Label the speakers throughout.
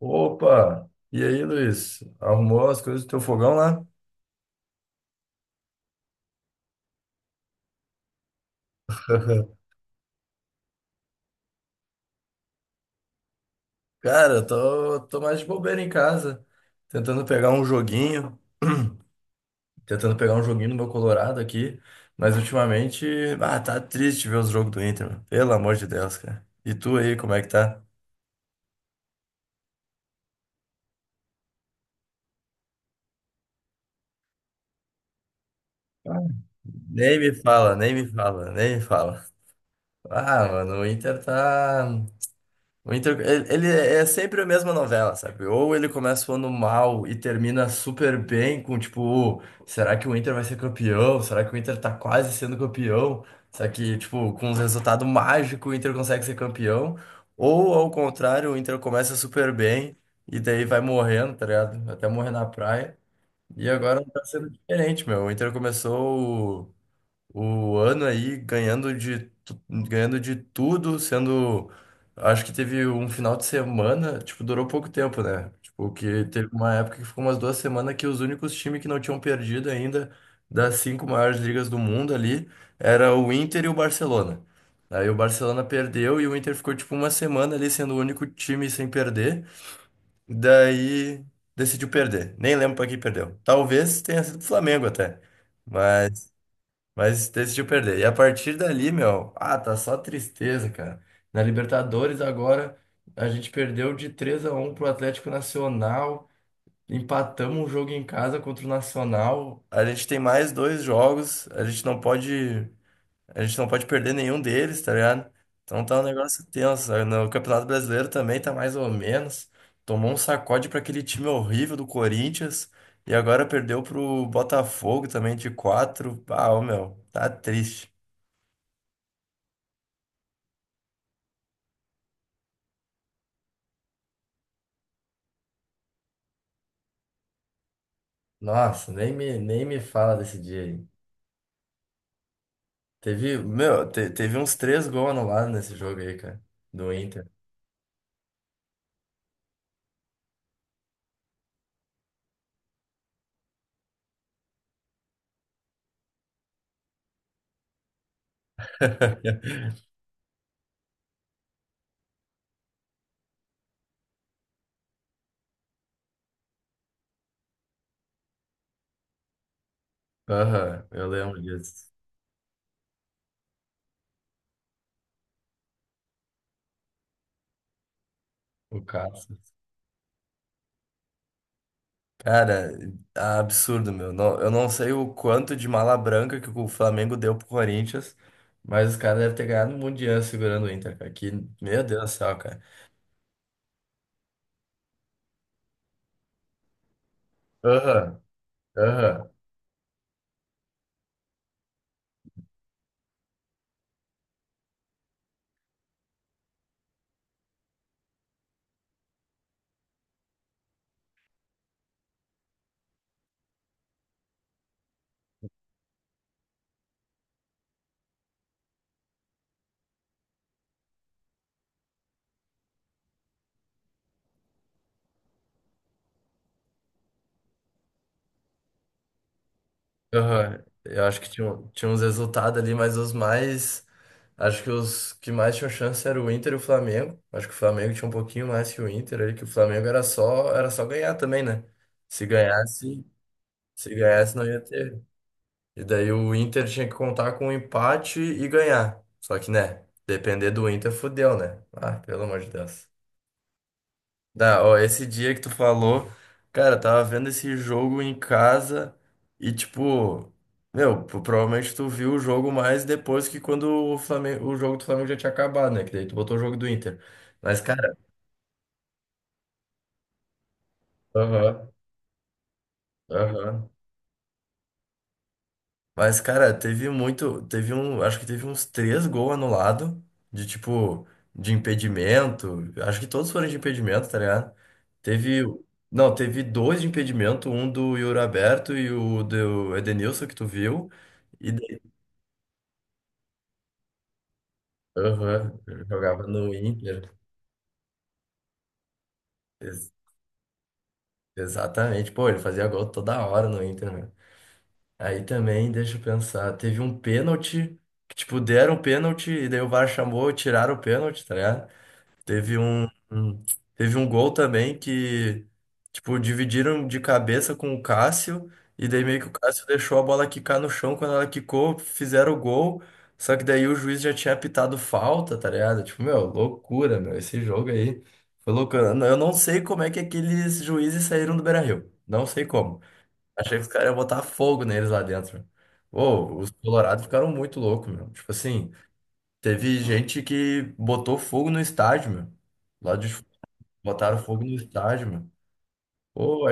Speaker 1: Opa! E aí, Luiz? Arrumou as coisas do teu fogão lá? Cara, eu tô mais de bobeira em casa, tentando pegar um joguinho, tentando pegar um joguinho no meu Colorado aqui, mas ultimamente, tá triste ver os jogos do Inter, mano. Pelo amor de Deus, cara. E tu aí, como é que tá? Ah, Nem me fala, nem me fala, nem me fala. Ah, mano, o Inter tá. O Inter, ele é sempre a mesma novela, sabe? Ou ele começa o ano mal e termina super bem com tipo, "Oh, será que o Inter vai ser campeão? Será que o Inter tá quase sendo campeão? Será que, tipo, com um resultado mágico, o Inter consegue ser campeão. Ou, ao contrário, o Inter começa super bem e daí vai morrendo, tá ligado? Até morrer na praia. E agora tá sendo diferente, meu. O Inter começou o ano aí ganhando de, ganhando de tudo, sendo. Acho que teve um final de semana, tipo, durou pouco tempo, né? Tipo, que teve uma época que ficou umas duas semanas que os únicos times que não tinham perdido ainda das cinco maiores ligas do mundo ali era o Inter e o Barcelona. Aí o Barcelona perdeu e o Inter ficou tipo uma semana ali sendo o único time sem perder. Daí decidiu perder. Nem lembro pra quem perdeu. Talvez tenha sido o Flamengo até. Mas decidiu perder. E a partir dali, meu, tá só tristeza, cara. Na Libertadores agora a gente perdeu de 3 a um pro Atlético Nacional, empatamos um jogo em casa contra o Nacional. A gente tem mais dois jogos, a gente não pode perder nenhum deles, tá ligado? Então tá um negócio tenso. Sabe? No Campeonato Brasileiro também tá mais ou menos. Tomou um sacode pra aquele time horrível do Corinthians e agora perdeu pro Botafogo também de 4. Ah, ô, meu, tá triste. Nossa, nem me fala desse dia aí. Teve, meu, teve uns três gols anulados nesse jogo aí, cara, do Inter. Aham, eu lembro disso. O caso. Cara, absurdo, meu. Não- eu não sei o quanto de mala branca que o Flamengo deu pro Corinthians, mas os caras devem ter ganhado um mundial segurando o Inter, cara. Que, meu Deus do céu, cara. Aham, aham, aham. Eu acho que tinha uns resultados ali, mas os mais. Acho que os que mais tinham chance era o Inter e o Flamengo. Acho que o Flamengo tinha um pouquinho mais que o Inter ali, que o Flamengo era só ganhar também, né? Se ganhasse, se ganhasse, não ia ter. E daí o Inter tinha que contar com um empate e ganhar. Só que, né, depender do Inter, fudeu, né? Ah, pelo amor de Deus. Dá, ó, esse dia que tu falou, cara, eu tava vendo esse jogo em casa e, tipo, meu, provavelmente tu viu o jogo mais depois que quando o Flamengo, o jogo do Flamengo já tinha acabado, né? Que daí tu botou o jogo do Inter. Mas, cara, aham, aham. Mas, cara, teve muito. Teve um. Acho que teve uns três gols anulados. De tipo. De impedimento. Acho que todos foram de impedimento, tá ligado? Teve. Não, teve dois de impedimento. Um do Yuri Alberto e o do Edenilson, que tu viu. E daí. Aham, ele jogava no Inter. Ex- Exatamente. Pô, ele fazia gol toda hora no Inter, né? Aí também, deixa eu pensar. Teve um pênalti. Que, tipo, deram o pênalti. E daí o VAR chamou, tiraram o pênalti, tá ligado? Teve um, um- Teve um gol também que, tipo, dividiram de cabeça com o Cássio, e daí meio que o Cássio deixou a bola quicar no chão, quando ela quicou, fizeram o gol, só que daí o juiz já tinha apitado falta, tá ligado? Tipo, meu, loucura, meu, esse jogo aí foi loucura. Eu não sei como é que aqueles juízes saíram do Beira-Rio, não sei como. Achei que os caras iam botar fogo neles lá dentro. Pô, os colorados ficaram muito loucos, meu. Tipo assim... Teve gente que botou fogo no estádio, meu. Lá de botaram fogo no estádio, meu. Pô,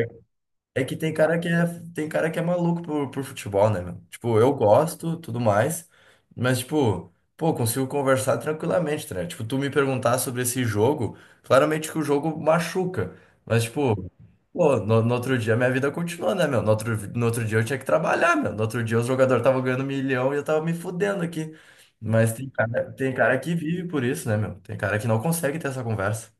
Speaker 1: é que tem cara que é, tem cara que é maluco por futebol, né, meu? Tipo, eu gosto, tudo mais, mas, tipo, pô, consigo conversar tranquilamente, né? Tipo, tu me perguntar sobre esse jogo, claramente que o jogo machuca, mas, tipo, pô, no outro dia minha vida continuou, né, meu? No outro dia eu tinha que trabalhar, meu. No outro dia os jogadores estavam ganhando milhão e eu tava me fudendo aqui. Mas tem cara que vive por isso, né, meu? Tem cara que não consegue ter essa conversa.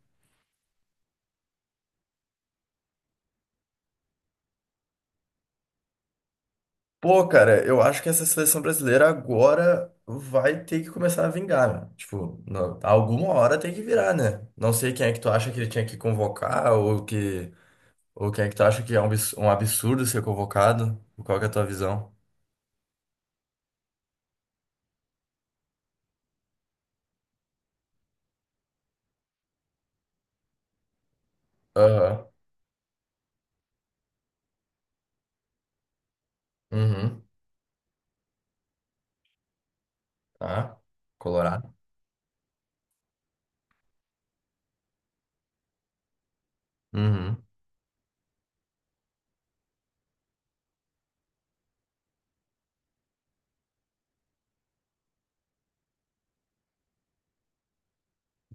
Speaker 1: Pô, cara, eu acho que essa seleção brasileira agora vai ter que começar a vingar, né? Tipo, não- alguma hora tem que virar, né? Não sei quem é que tu acha que ele tinha que convocar ou que ou quem é que tu acha que é um um absurdo ser convocado. Qual que é a tua visão? Aham. Uhum. Tá. Colorado. Uhum.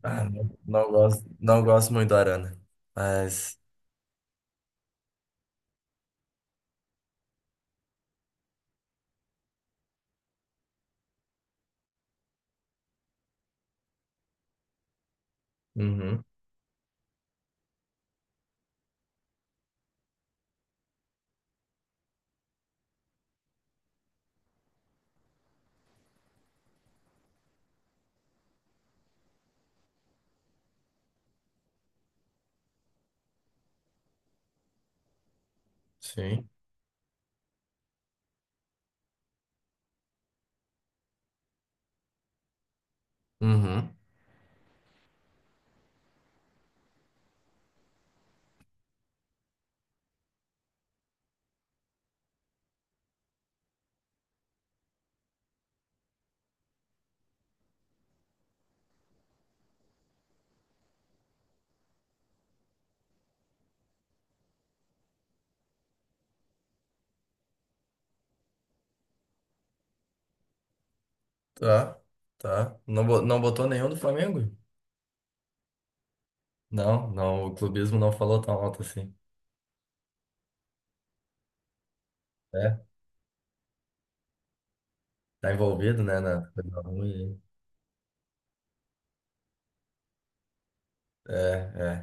Speaker 1: Ah, não gosto não gosto muito do Arana, mas Uhum. Sim. Uhum. Tá. Tá. Não, não botou nenhum do Flamengo? Não, não, o clubismo não falou tão alto assim. É, tá envolvido, né, na coisa ruim. É,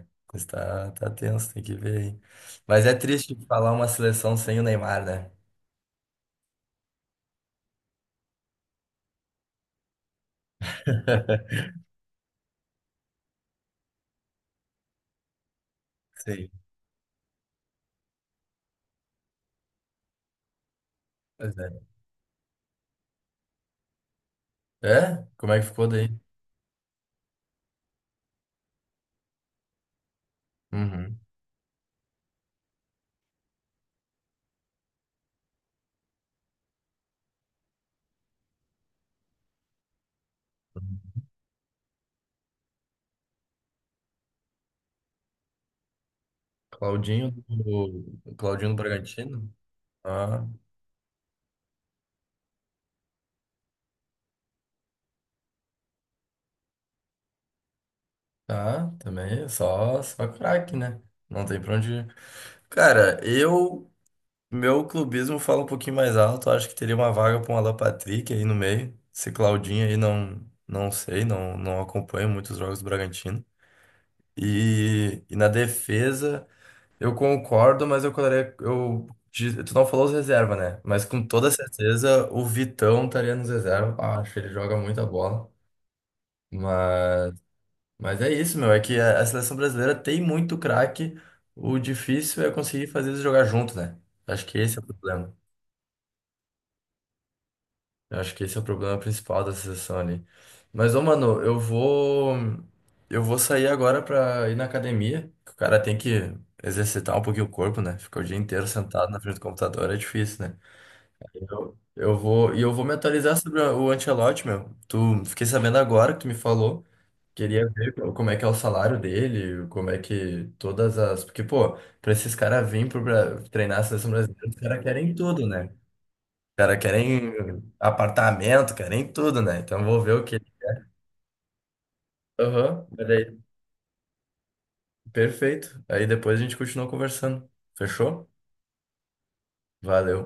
Speaker 1: é. Mas tá, tá tenso, tem que ver aí. Mas é triste falar uma seleção sem o Neymar, né? Sim. Pois é. É? Como é que ficou daí? Uhum. Claudinho do, Claudinho do Bragantino? Ah, tá, também, é só, só craque, né? Não tem pra onde ir. Cara, eu meu clubismo fala um pouquinho mais alto. Acho que teria uma vaga para um Alan Patrick aí no meio. Esse Claudinho aí não, não sei, não, não acompanho muitos jogos do Bragantino. E na defesa, eu concordo, mas eu colocaria. Eu, tu não falou os reserva, né? Mas com toda certeza o Vitão estaria nos reserva. Ah, acho que ele joga muita bola. Mas, mas é isso, meu. É que a seleção brasileira tem muito craque. O difícil é conseguir fazer eles jogar junto, né? Acho que esse é o problema. Eu acho que esse é o problema principal da sessão ali. Mas, ô, mano, eu vou. Eu vou sair agora pra ir na academia. Que o cara tem que exercitar um pouquinho o corpo, né? Ficar o dia inteiro sentado na frente do computador é difícil, né? Eu vou. E eu vou me atualizar sobre o Ancelotti, meu. Tu, fiquei sabendo agora que tu me falou. Queria ver como é que é o salário dele, como é que todas as. Porque, pô, pra esses caras virem treinar a seleção brasileira, os caras querem tudo, né? Cara, querem apartamento, querem tudo, né? Então vou ver o que. Aham, olha aí. Perfeito. Aí depois a gente continua conversando. Fechou? Valeu.